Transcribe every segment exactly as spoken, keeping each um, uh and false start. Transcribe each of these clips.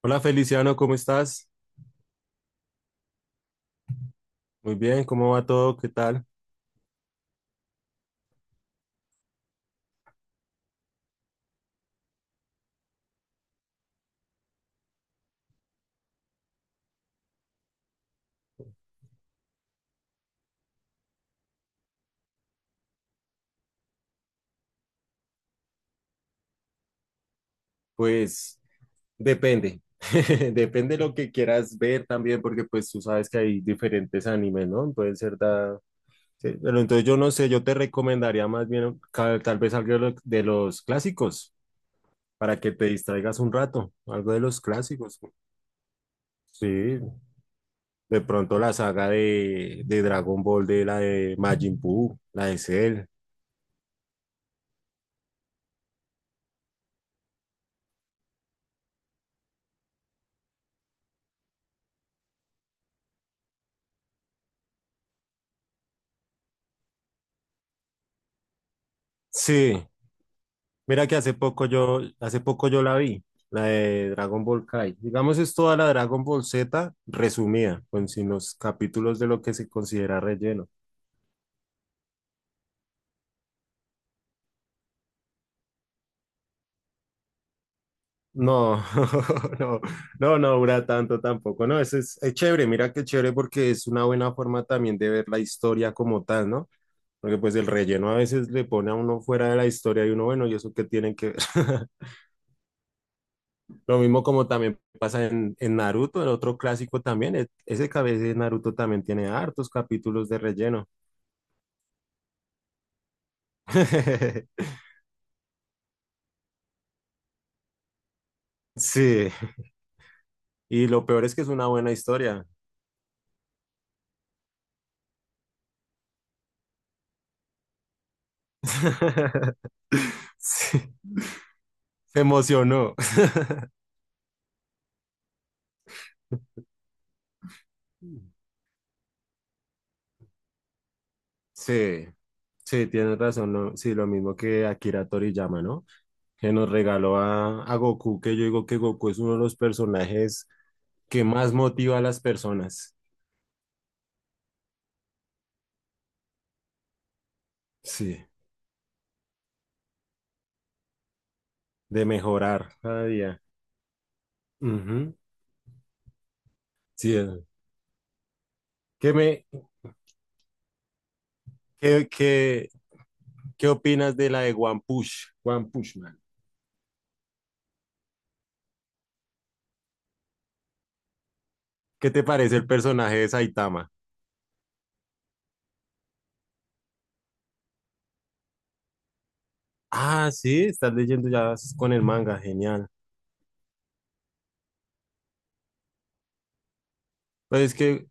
Hola Feliciano, ¿cómo estás? Muy bien, ¿cómo va todo? ¿Qué tal? Pues depende, depende lo que quieras ver también, porque pues tú sabes que hay diferentes animes, ¿no? Pueden ser da... sí, pero entonces yo no sé, yo te recomendaría más bien ca- tal vez algo de lo- de los clásicos, para que te distraigas un rato, algo de los clásicos. Sí, de pronto la saga de, de Dragon Ball, de la de Majin Buu, la de Cell. Sí, mira que hace poco yo, hace poco yo la vi, la de Dragon Ball Kai. Digamos, es toda la Dragon Ball Z resumida, con sin los capítulos de lo que se considera relleno. No, no, no, no dura tanto tampoco. No, eso es, es chévere, mira que chévere porque es una buena forma también de ver la historia como tal, ¿no? Porque pues el relleno a veces le pone a uno fuera de la historia y uno, bueno, ¿y eso qué tienen que ver? Lo mismo como también pasa en, en Naruto, el otro clásico también. e- Ese cabeza de Naruto también tiene hartos capítulos de relleno. Sí, y lo peor es que es una buena historia. Sí, se emocionó. Sí, sí, tienes razón, ¿no? Sí, lo mismo que Akira Toriyama, ¿no? Que nos regaló a, a Goku, que yo digo que Goku es uno de los personajes que más motiva a las personas, sí, de mejorar cada día. Ujú. Sí, eh. ¿qué me, qué, qué, qué opinas de la de One Push, One Push Man? ¿Qué te parece el personaje de Saitama? Ah, sí, estás leyendo ya con el manga, genial. Pues es que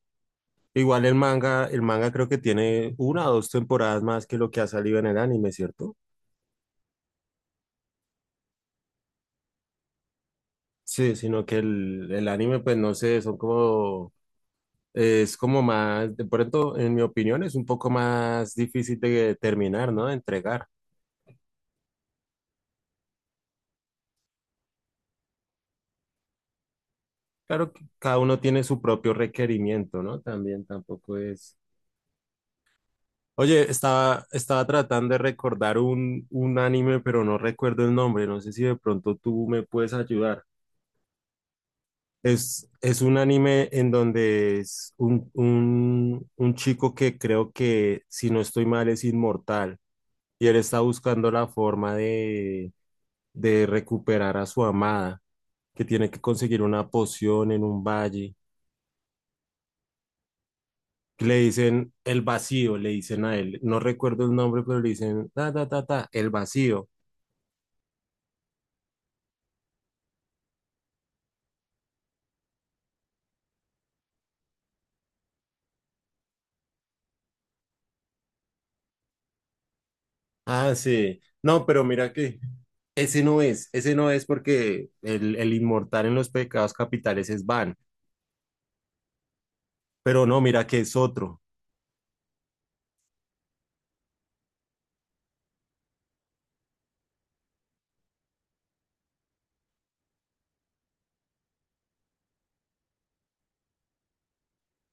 igual el manga, el manga creo que tiene una o dos temporadas más que lo que ha salido en el anime, ¿cierto? Sí, sino que el, el anime, pues no sé, son como. Es como más, de pronto, en mi opinión, es un poco más difícil de terminar, ¿no? De entregar. Claro que cada uno tiene su propio requerimiento, ¿no? También tampoco es. Oye, estaba, estaba tratando de recordar un, un anime, pero no recuerdo el nombre. No sé si de pronto tú me puedes ayudar. Es, es un anime en donde es un, un, un chico que creo que, si no estoy mal, es inmortal. Y él está buscando la forma de de recuperar a su amada, que tiene que conseguir una poción en un valle, que le dicen el vacío, le dicen a él, no recuerdo el nombre, pero le dicen, ta, ta, ta, ta, el vacío. Ah, sí. No, pero mira que ese no es, ese no es porque el, el inmortal en los pecados capitales es Van, pero no, mira que es otro.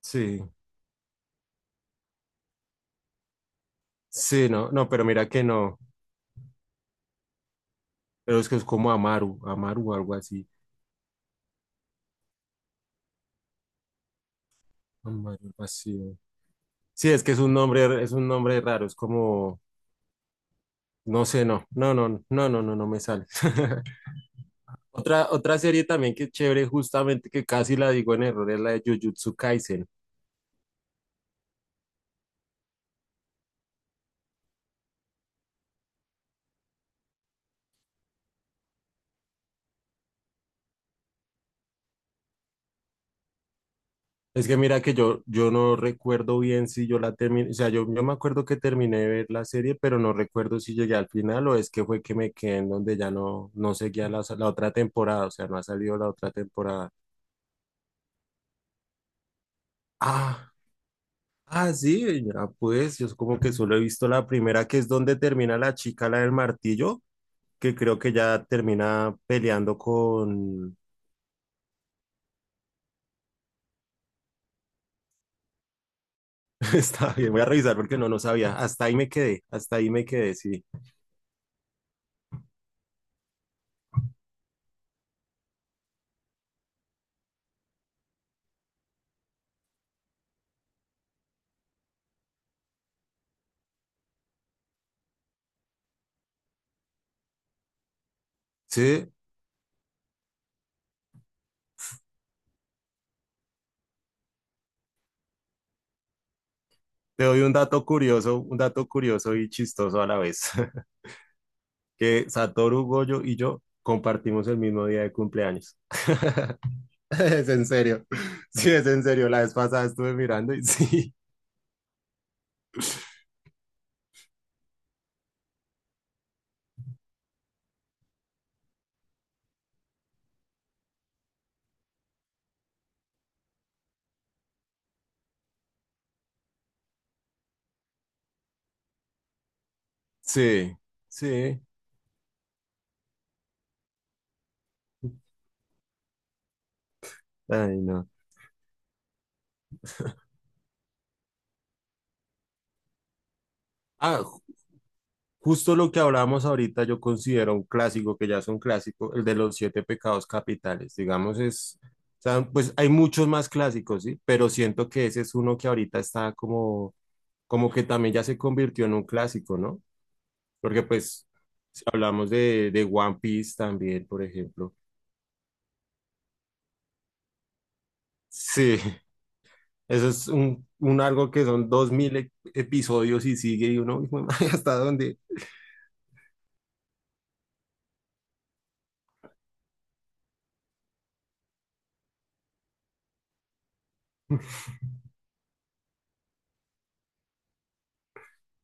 Sí, sí, no, no, pero mira que no, pero es que es como Amaru, Amaru, algo así. Amaru, vacío. Sí, es que es un nombre, es un nombre raro, es como, no sé, no, no, no, no, no, no, no me sale. Otra, otra serie también que es chévere, justamente que casi la digo en error, es la de Jujutsu Kaisen. Es que mira que yo, yo no recuerdo bien si yo la terminé, o sea, yo, yo me acuerdo que terminé de ver la serie, pero no recuerdo si llegué al final o es que fue que me quedé en donde ya no, no seguía la, la otra temporada, o sea, no ha salido la otra temporada. Ah, ah, sí, ya, pues yo como que solo he visto la primera, que es donde termina la chica, la del martillo que creo que ya termina peleando con... Está bien, voy a revisar porque no, no sabía. Hasta ahí me quedé, hasta ahí me quedé, sí. Sí, te doy un dato curioso, un dato curioso y chistoso a la vez, que Satoru Gojo y yo compartimos el mismo día de cumpleaños. Es en serio, sí, es en serio. La vez pasada estuve mirando y sí, sí, sí. Ay, no. Ah, justo lo que hablábamos ahorita, yo considero un clásico, que ya es un clásico, el de los siete pecados capitales. Digamos, es, o sea, pues hay muchos más clásicos, ¿sí? Pero siento que ese es uno que ahorita está como, como que también ya se convirtió en un clásico, ¿no? Porque pues, si hablamos de, de One Piece también, por ejemplo. Sí, eso es un, un algo que son dos mil e- episodios y sigue y uno, hijo de madre, ¿hasta dónde?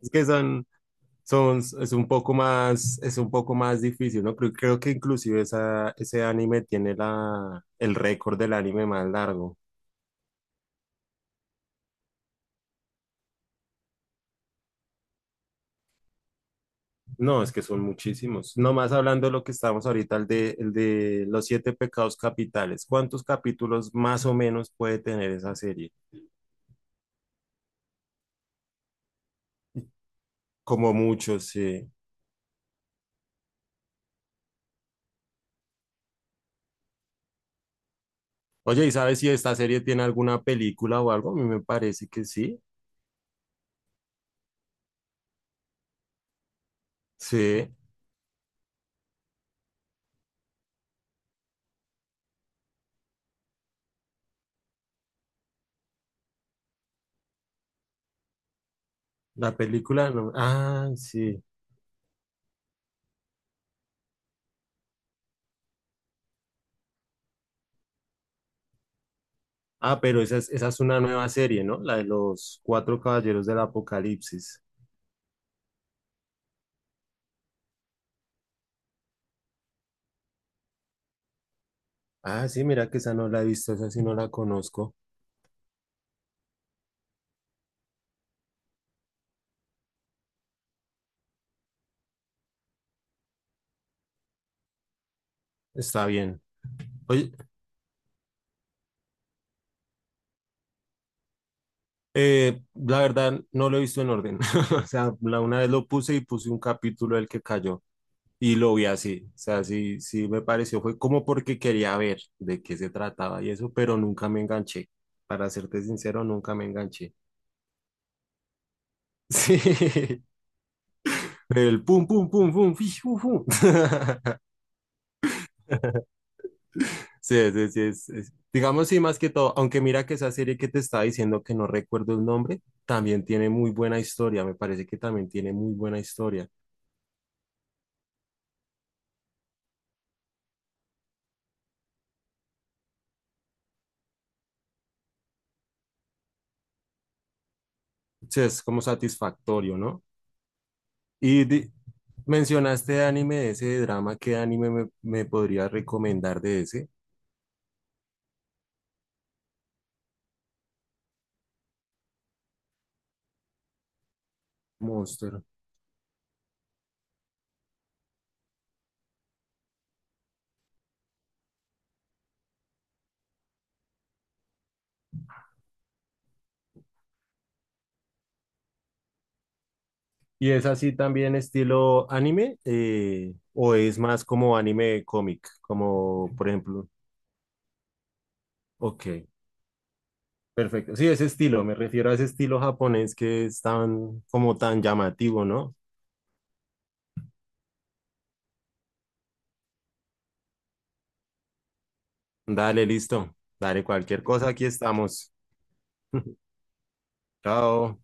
Es que son... son, es un poco más, es un poco más difícil, ¿no? Creo, creo que inclusive esa, ese anime tiene la, el récord del anime más largo. No, es que son muchísimos. Nomás hablando de lo que estábamos ahorita, el de, el de los siete pecados capitales. ¿Cuántos capítulos más o menos puede tener esa serie? Como muchos, sí. Oye, ¿y sabes si esta serie tiene alguna película o algo? A mí me parece que sí. Sí, la película, no. Ah, sí. Ah, pero esa es, esa es una nueva serie, ¿no? La de los Cuatro Caballeros del Apocalipsis. Ah, sí, mira que esa no la he visto, esa sí no la conozco. Está bien. Oye, eh, la verdad no lo he visto en orden. O sea, la una vez lo puse y puse un capítulo del que cayó y lo vi así. O sea, sí, sí me pareció, fue como porque quería ver de qué se trataba y eso, pero nunca me enganché. Para serte sincero, nunca me enganché. Sí, el pum, pum, pum, pum, fish, pum, pum. Sí, sí, sí, es, es- digamos sí, más que todo, aunque mira que esa serie que te estaba diciendo que no recuerdo el nombre, también tiene muy buena historia, me parece que también tiene muy buena historia. Sí, es como satisfactorio, ¿no? Y di- Mencionaste anime de ese drama, ¿qué anime me, me podrías recomendar de ese? Monster. ¿Y es así también estilo anime? eh, ¿o es más como anime cómic? Como, por ejemplo, ok. Perfecto. Sí, ese estilo, me refiero a ese estilo japonés que es tan, como tan llamativo, ¿no? Dale, listo. Dale, cualquier cosa, aquí estamos. Chao.